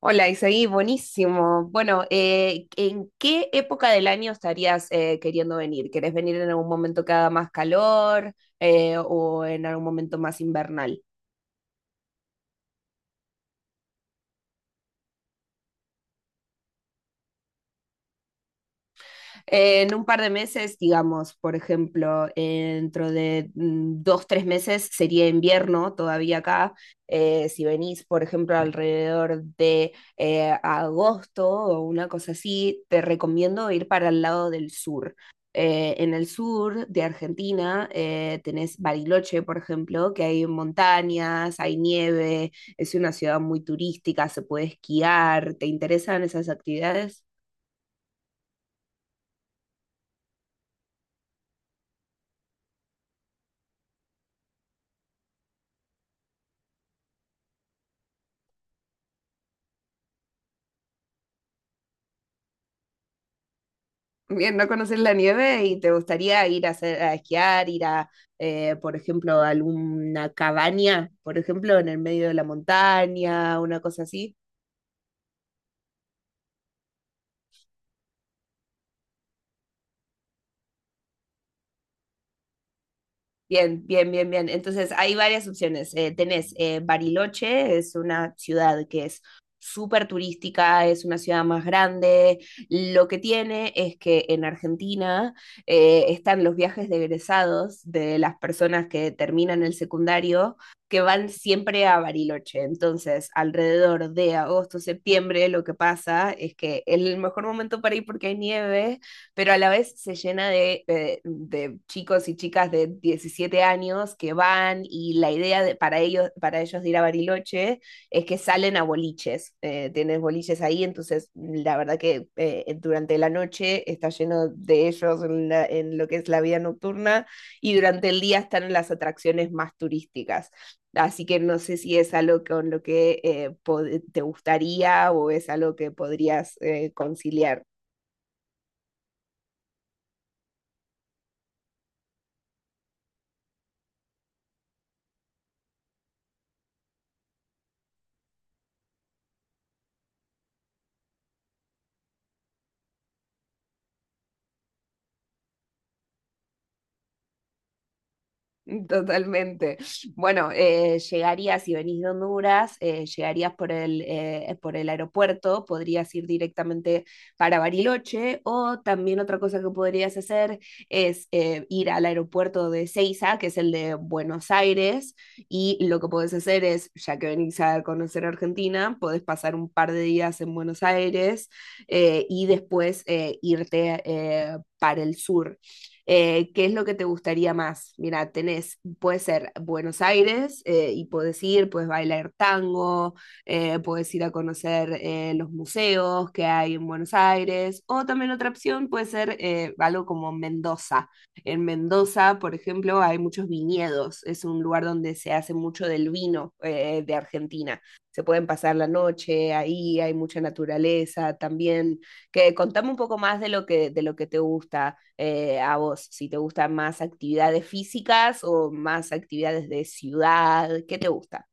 Hola, Isaí, buenísimo. Bueno, ¿en qué época del año estarías queriendo venir? ¿Querés venir en algún momento que haga más calor o en algún momento más invernal? En un par de meses, digamos, por ejemplo, dentro de dos, tres meses sería invierno todavía acá. Si venís, por ejemplo, alrededor de agosto o una cosa así, te recomiendo ir para el lado del sur. En el sur de Argentina tenés Bariloche, por ejemplo, que hay montañas, hay nieve, es una ciudad muy turística, se puede esquiar. ¿Te interesan esas actividades? Bien, no conoces la nieve y te gustaría ir a, hacer, a esquiar, ir a, por ejemplo, a alguna cabaña, por ejemplo, en el medio de la montaña, una cosa así. Bien, bien, bien, bien. Entonces, hay varias opciones. Tenés Bariloche, es una ciudad que es súper turística, es una ciudad más grande. Lo que tiene es que en Argentina están los viajes de egresados de las personas que terminan el secundario, que van siempre a Bariloche. Entonces, alrededor de agosto, septiembre, lo que pasa es que es el mejor momento para ir porque hay nieve, pero a la vez se llena de chicos y chicas de 17 años que van, y la idea para ellos de ir a Bariloche es que salen a boliches, tienes boliches ahí, entonces la verdad que durante la noche está lleno de ellos en, en lo que es la vida nocturna, y durante el día están en las atracciones más turísticas. Así que no sé si es algo con lo que te gustaría o es algo que podrías conciliar. Totalmente. Bueno, llegarías, si venís de Honduras, llegarías por el aeropuerto, podrías ir directamente para Bariloche, o también otra cosa que podrías hacer es ir al aeropuerto de Ceiza, que es el de Buenos Aires, y lo que podés hacer es, ya que venís a conocer Argentina, podés pasar un par de días en Buenos Aires y después irte para el sur. ¿Qué es lo que te gustaría más? Mira, tenés, puede ser Buenos Aires y puedes ir, puedes bailar tango, puedes ir a conocer los museos que hay en Buenos Aires, o también otra opción puede ser algo como Mendoza. En Mendoza, por ejemplo, hay muchos viñedos, es un lugar donde se hace mucho del vino de Argentina. Se pueden pasar la noche ahí, hay mucha naturaleza, también. Que contame un poco más de lo que te gusta a vos. Si te gustan más actividades físicas o más actividades de ciudad, ¿qué te gusta?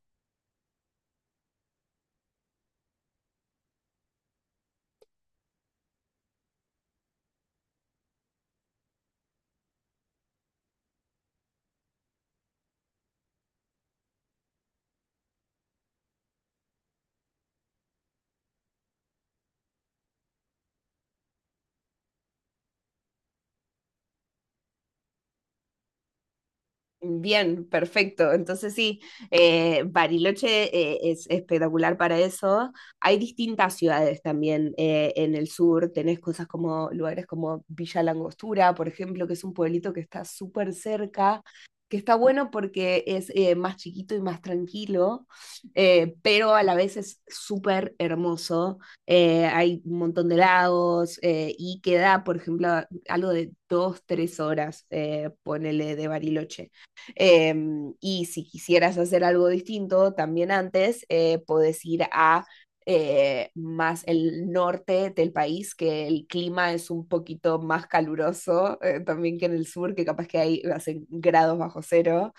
Bien, perfecto. Entonces sí, Bariloche es espectacular para eso. Hay distintas ciudades también en el sur. Tenés cosas como lugares como Villa Langostura, por ejemplo, que es un pueblito que está súper cerca, que está bueno porque es más chiquito y más tranquilo, pero a la vez es súper hermoso. Hay un montón de lagos y queda, por ejemplo, algo de dos, tres horas, ponele, de Bariloche. Eh, y si quisieras hacer algo distinto también antes, puedes ir a más el norte del país, que el clima es un poquito más caluroso también que en el sur, que capaz que hay hacen grados bajo cero.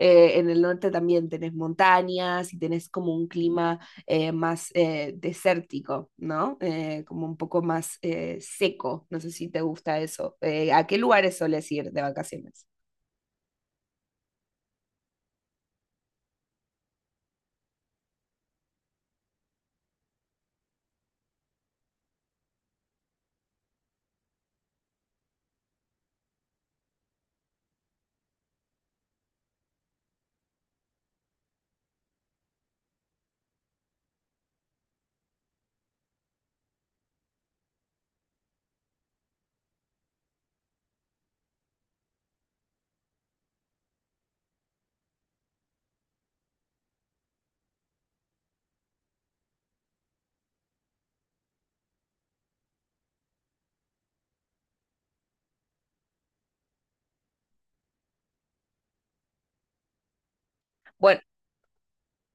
En el norte también tenés montañas, y tenés como un clima más desértico, ¿no? Como un poco más seco. No sé si te gusta eso. ¿A qué lugares soles ir de vacaciones? Bueno,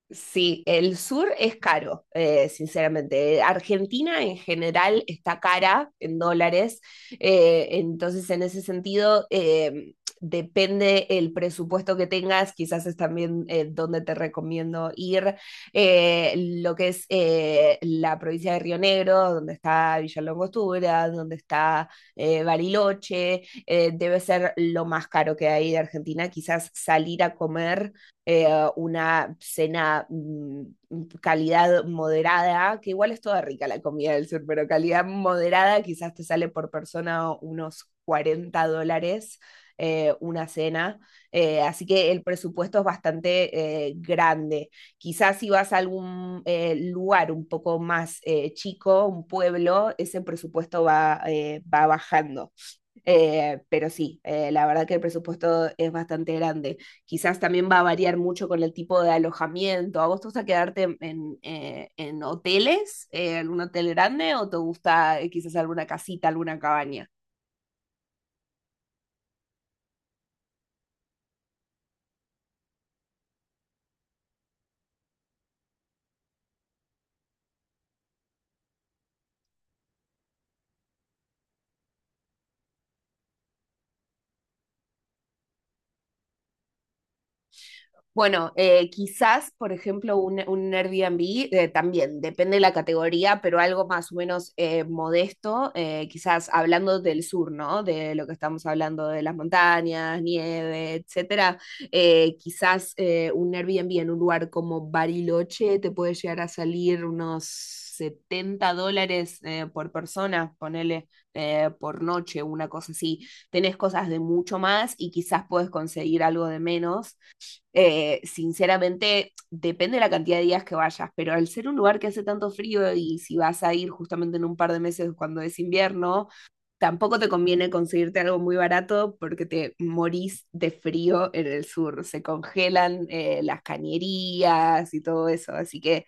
sí, el sur es caro, sinceramente. Argentina en general está cara en dólares, entonces en ese sentido depende el presupuesto que tengas, quizás es también donde te recomiendo ir, eh, lo que es la provincia de Río Negro, donde está Villa Langostura, donde está Bariloche, debe ser lo más caro que hay de Argentina. Quizás salir a comer eh, una cena calidad moderada, que igual es toda rica la comida del sur, pero calidad moderada quizás te sale por persona unos 40 dólares. Una cena, así que el presupuesto es bastante grande. Quizás si vas a algún lugar un poco más chico, un pueblo, ese presupuesto va, va bajando. Pero sí, la verdad que el presupuesto es bastante grande. Quizás también va a variar mucho con el tipo de alojamiento. ¿A vos te gusta quedarte en hoteles, en un hotel grande, o te gusta quizás alguna casita, alguna cabaña? Bueno, quizás, por ejemplo, un Airbnb también, depende de la categoría, pero algo más o menos modesto, quizás hablando del sur, ¿no? De lo que estamos hablando, de las montañas, nieve, etcétera. Quizás un Airbnb en un lugar como Bariloche te puede llegar a salir unos 70 dólares por persona, ponele, por noche, una cosa así. Tenés cosas de mucho más y quizás puedes conseguir algo de menos, sinceramente. Depende de la cantidad de días que vayas, pero al ser un lugar que hace tanto frío, y si vas a ir justamente en un par de meses cuando es invierno, tampoco te conviene conseguirte algo muy barato porque te morís de frío en el sur. Se congelan las cañerías y todo eso. Así que,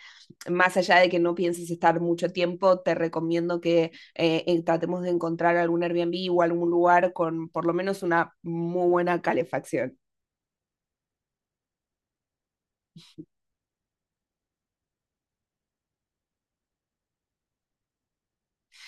más allá de que no pienses estar mucho tiempo, te recomiendo que tratemos de encontrar algún Airbnb o algún lugar con por lo menos una muy buena calefacción.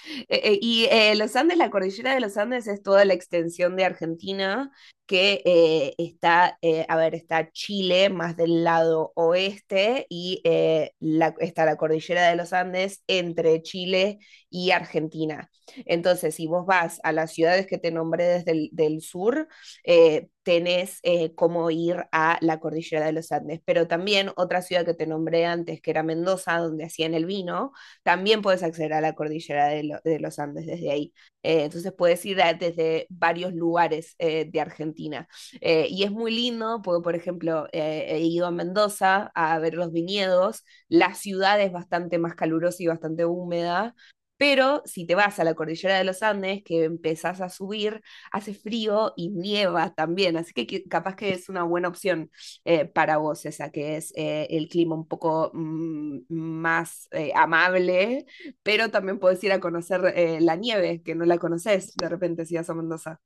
Los Andes, la cordillera de los Andes es toda la extensión de Argentina que está, a ver, está Chile más del lado oeste, y está la cordillera de los Andes entre Chile y Argentina. Entonces, si vos vas a las ciudades que te nombré desde el del sur, tenés cómo ir a la cordillera de los Andes. Pero también otra ciudad que te nombré antes, que era Mendoza, donde hacían el vino, también puedes acceder a la cordillera de, lo, de los Andes desde ahí. Entonces puedes ir a, desde varios lugares de Argentina. Y es muy lindo, porque por ejemplo he ido a Mendoza a ver los viñedos, la ciudad es bastante más calurosa y bastante húmeda, pero si te vas a la cordillera de los Andes, que empezás a subir, hace frío y nieva también, así que capaz que es una buena opción para vos, esa que es el clima un poco más amable, pero también podés ir a conocer la nieve, que no la conoces de repente si vas a Mendoza.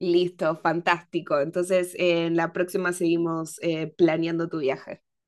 Listo, fantástico. Entonces, en la próxima seguimos planeando tu viaje.